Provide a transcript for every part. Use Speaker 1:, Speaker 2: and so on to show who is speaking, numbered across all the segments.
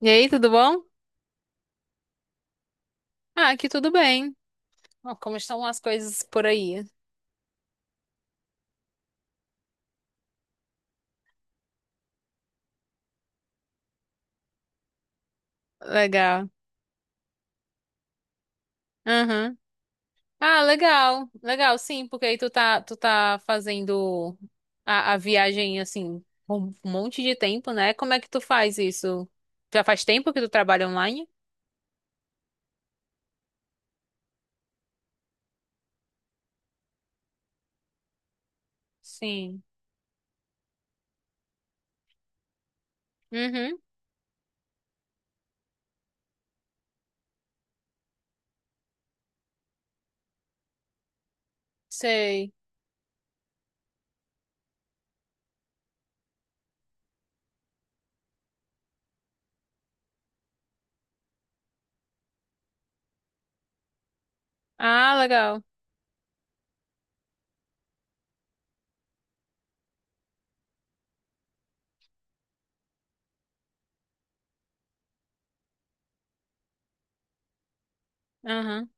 Speaker 1: E aí, tudo bom? Ah, aqui tudo bem. Ó, como estão as coisas por aí? Legal. Aham. Ah, legal. Legal, sim, porque aí tu tá fazendo a viagem, assim, um monte de tempo, né? Como é que tu faz isso? Já faz tempo que tu trabalha online? Sim. Uhum, sei. Ah, legal. Aham.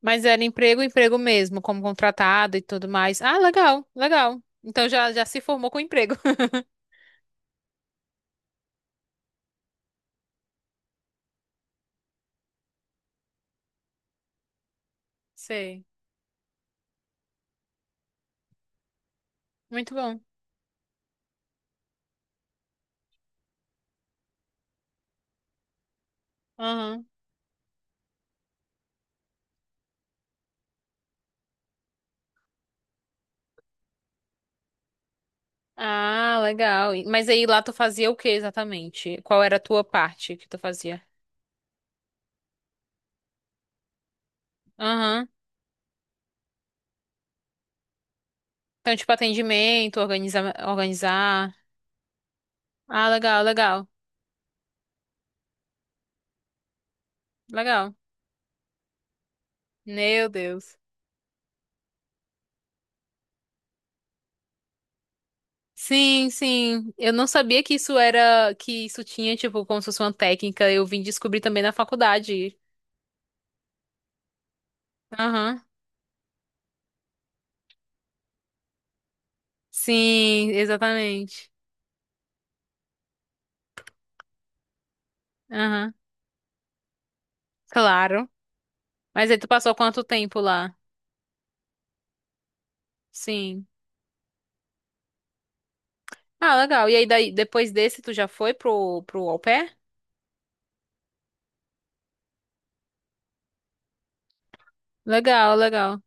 Speaker 1: Mas era emprego, emprego mesmo, como contratado e tudo mais. Ah, legal, legal. Então já, já se formou com emprego. Sei. Muito bom. Aham. Ah, legal. E- Mas aí lá tu fazia o que exatamente? Qual era a tua parte que tu fazia? Aham. Então, tipo, atendimento, organizar, organizar. Ah, legal, legal. Legal. Meu Deus. Sim, sim. Eu não sabia que isso era, que isso tinha, tipo, como se fosse uma técnica. Eu vim descobrir também na faculdade. Aham. Sim, exatamente. Aham. Claro. Mas aí tu passou quanto tempo lá? Sim. Ah, legal. E aí daí, depois desse, tu já foi pro, pro au pair? Legal, legal.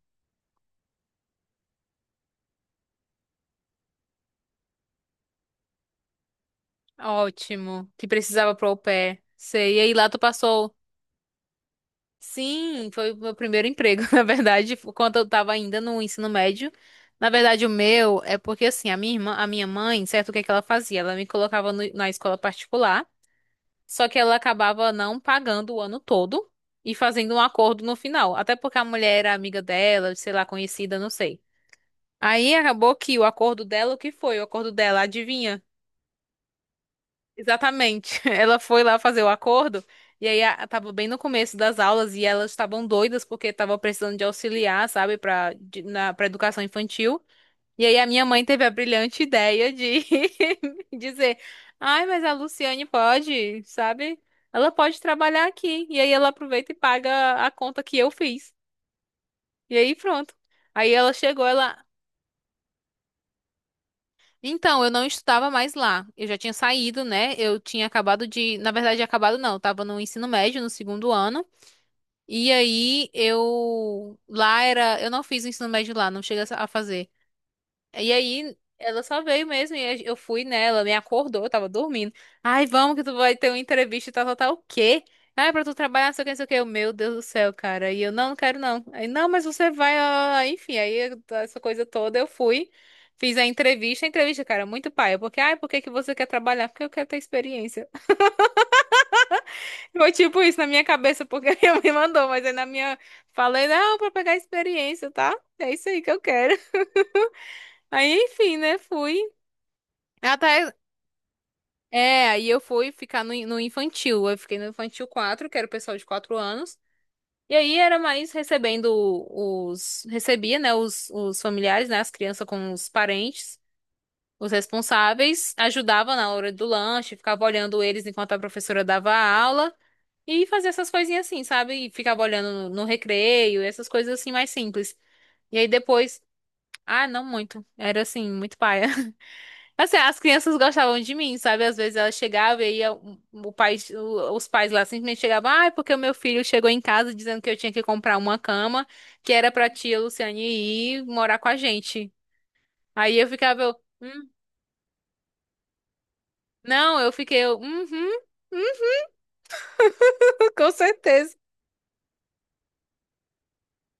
Speaker 1: Ótimo. Que precisava pro au pair. Sei. E aí lá tu passou. Sim, foi o meu primeiro emprego, na verdade, quando eu tava ainda no ensino médio. Na verdade, o meu é porque assim, a minha irmã, a minha mãe, certo, o que é que ela fazia? Ela me colocava na escola particular, só que ela acabava não pagando o ano todo e fazendo um acordo no final, até porque a mulher era amiga dela, sei lá, conhecida, não sei. Aí acabou que o acordo dela, o que foi? O acordo dela, adivinha? Exatamente. Ela foi lá fazer o acordo e aí tava bem no começo das aulas e elas estavam doidas porque estavam precisando de auxiliar, sabe, para educação infantil. E aí a minha mãe teve a brilhante ideia de dizer: "Ai, mas a Luciane pode, sabe? Ela pode trabalhar aqui". E aí ela aproveita e paga a conta que eu fiz. E aí pronto. Aí ela chegou, ela Então, eu não estudava mais lá. Eu já tinha saído, né? Eu tinha acabado de. Na verdade, acabado não. Eu tava no ensino médio, no segundo ano. E aí, eu. Lá era. Eu não fiz o ensino médio lá, não cheguei a fazer. E aí ela só veio mesmo e eu fui nela, me acordou, eu tava dormindo. Ai, vamos que tu vai ter uma entrevista e tal, tal, tal. O quê? Ai, pra tu trabalhar, não sei o que, não sei o que. Eu, meu Deus do céu, cara. E eu, não, não quero não. Aí, não, mas você vai, ó, enfim. Aí essa coisa toda eu fui, fiz a entrevista. A entrevista, cara, muito paia. Porque, ai, por que que você quer trabalhar? Porque eu quero ter experiência. Foi tipo isso na minha cabeça, porque a minha mãe mandou, mas aí na minha. Falei, não, pra pegar experiência, tá? É isso aí que eu quero. Aí, enfim, né, fui. Até é, aí eu fui ficar no infantil. Eu fiquei no infantil 4, que era o pessoal de 4 anos. E aí era mais recebendo os. Recebia, né? Os familiares, né? As crianças com os parentes, os responsáveis. Ajudava na hora do lanche, ficava olhando eles enquanto a professora dava a aula. E fazia essas coisinhas assim, sabe? E ficava olhando no recreio, essas coisas assim mais simples. E aí depois. Ah, não muito. Era assim, muito paia. Assim, as crianças gostavam de mim, sabe? Às vezes ela chegava e aí o, os pais lá simplesmente chegavam, ah, é porque o meu filho chegou em casa dizendo que eu tinha que comprar uma cama que era pra tia Luciane ir morar com a gente. Aí eu ficava, eu, "Hum?" Não, eu fiquei, eu, hum, com certeza.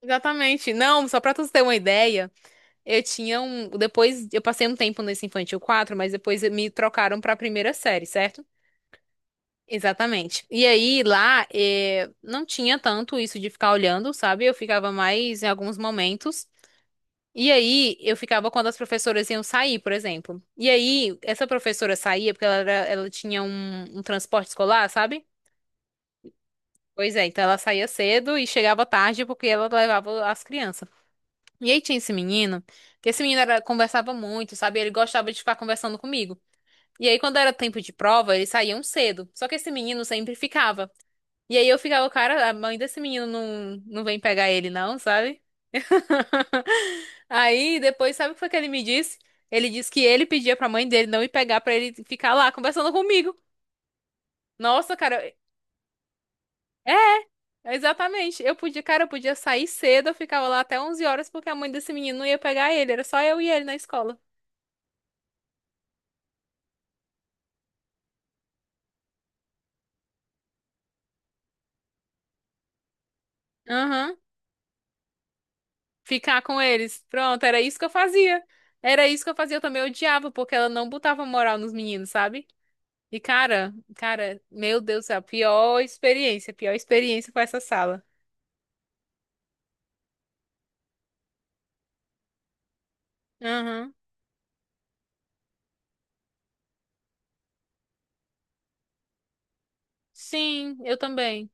Speaker 1: Exatamente. Não, só pra tu ter uma ideia, eu tinha um. Depois, eu passei um tempo nesse Infantil 4, mas depois me trocaram pra primeira série, certo? Exatamente. E aí lá não tinha tanto isso de ficar olhando, sabe? Eu ficava mais em alguns momentos. E aí eu ficava quando as professoras iam sair, por exemplo. E aí essa professora saía porque ela tinha um transporte escolar, sabe? Pois é, então ela saía cedo e chegava tarde porque ela levava as crianças. E aí tinha esse menino, que esse menino conversava muito, sabe? Ele gostava de ficar conversando comigo. E aí quando era tempo de prova, eles saíam cedo. Só que esse menino sempre ficava. E aí eu ficava, cara, a mãe desse menino não, não vem pegar ele, não, sabe? Aí depois, sabe o que foi que ele me disse? Ele disse que ele pedia pra mãe dele não ir pegar pra ele ficar lá conversando comigo. Nossa, cara, exatamente. Eu podia, cara, eu podia sair cedo, eu ficava lá até 11 horas porque a mãe desse menino não ia pegar ele, era só eu e ele na escola. Aham. Ficar com eles. Pronto, era isso que eu fazia. Era isso que eu fazia, eu também odiava porque ela não botava moral nos meninos, sabe? E cara, meu Deus do céu, pior experiência foi essa sala. Aham. Sim, eu também.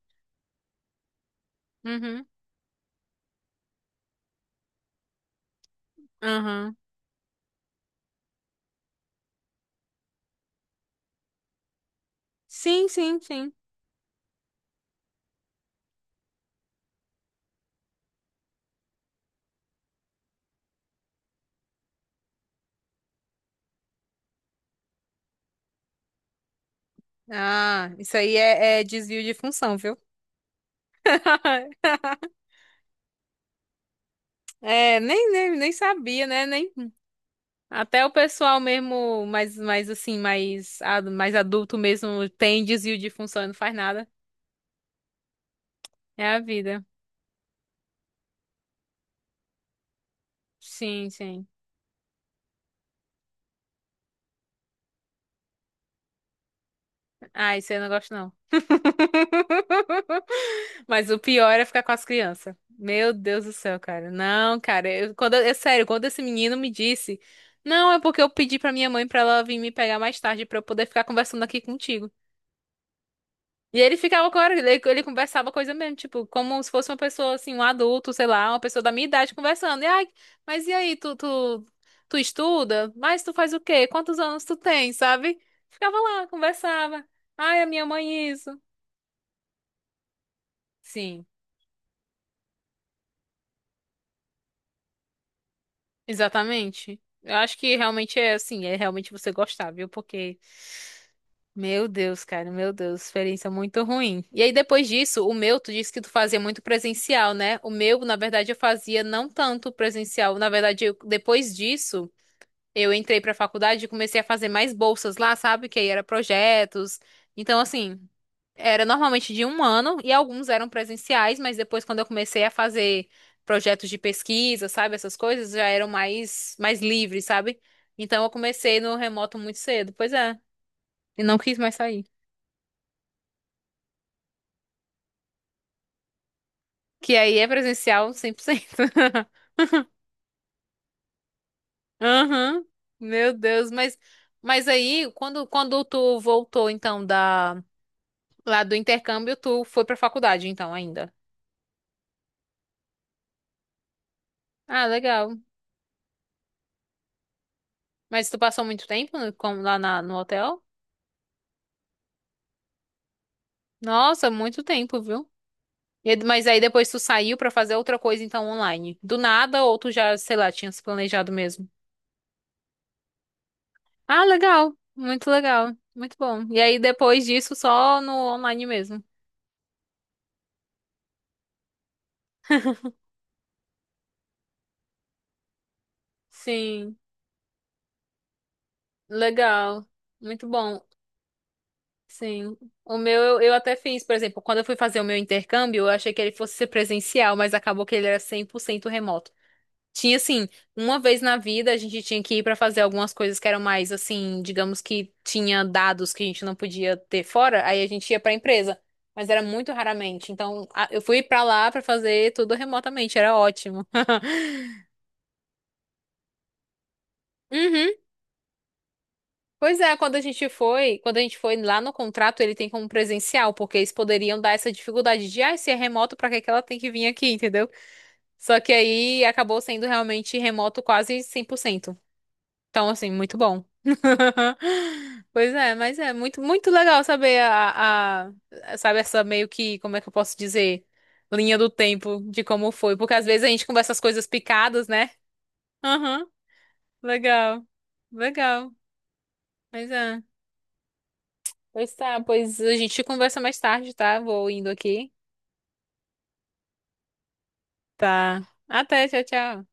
Speaker 1: Uhum. Aham. Sim, sim, sim. Ah, isso aí é desvio de função, viu? É, nem sabia, né? Nem... Até o pessoal mesmo, mais assim, mais, mais adulto mesmo, tem desvio de função e não faz nada. É a vida. Sim, sim. Ah, isso aí eu não gosto, não. Mas o pior é ficar com as crianças. Meu Deus do céu, cara. Não, cara, eu, quando, é sério, quando esse menino me disse, não, é porque eu pedi pra minha mãe pra ela vir me pegar mais tarde pra eu poder ficar conversando aqui contigo. E ele ficava com ele, ele conversava coisa mesmo, tipo, como se fosse uma pessoa assim, um adulto, sei lá, uma pessoa da minha idade conversando. E ai, mas e aí, tu estuda? Mas tu faz o quê? Quantos anos tu tem, sabe? Ficava lá, conversava. Ai, a minha mãe isso. Sim. Exatamente. Eu acho que realmente é assim, é realmente você gostar, viu? Porque, meu Deus, cara, meu Deus, experiência muito ruim. E aí depois disso, o meu, tu disse que tu fazia muito presencial, né? O meu, na verdade, eu fazia não tanto presencial. Na verdade, depois disso, eu entrei pra faculdade e comecei a fazer mais bolsas lá, sabe? Que aí era projetos. Então, assim. Era normalmente de um ano e alguns eram presenciais, mas depois quando eu comecei a fazer projetos de pesquisa, sabe, essas coisas já eram mais livres, sabe? Então eu comecei no remoto muito cedo, pois é, e não quis mais sair. Que aí é presencial 100%. Aham. Meu Deus, mas aí quando tu voltou então da lá do intercâmbio, tu foi pra faculdade então ainda. Ah, legal. Mas tu passou muito tempo no hotel? Nossa, muito tempo, viu? Mas aí depois tu saiu pra fazer outra coisa, então, online. Do nada, ou tu já, sei lá, tinha se planejado mesmo. Ah, legal. Muito legal. Muito bom. E aí depois disso, só no online mesmo. Sim, legal. Muito bom. Sim. O meu, eu até fiz, por exemplo, quando eu fui fazer o meu intercâmbio, eu achei que ele fosse ser presencial, mas acabou que ele era 100% remoto. Tinha assim, uma vez na vida a gente tinha que ir pra fazer algumas coisas que eram mais assim, digamos que tinha dados que a gente não podia ter fora, aí a gente ia pra empresa, mas era muito raramente. Então, eu fui pra lá pra fazer tudo remotamente, era ótimo. Uhum. Pois é, quando a gente foi lá no contrato, ele tem como presencial, porque eles poderiam dar essa dificuldade de, ah, se é remoto, pra que que ela tem que vir aqui, entendeu? Só que aí acabou sendo realmente remoto quase 100%. Então, assim, muito bom. Pois é, mas é muito, muito legal saber a, sabe, essa meio que, como é que eu posso dizer, linha do tempo de como foi, porque às vezes a gente conversa as coisas picadas, né? Aham, legal, legal, mas é. Pois tá, pois a gente conversa mais tarde, tá? Vou indo aqui. Tá. Até, tchau, tchau.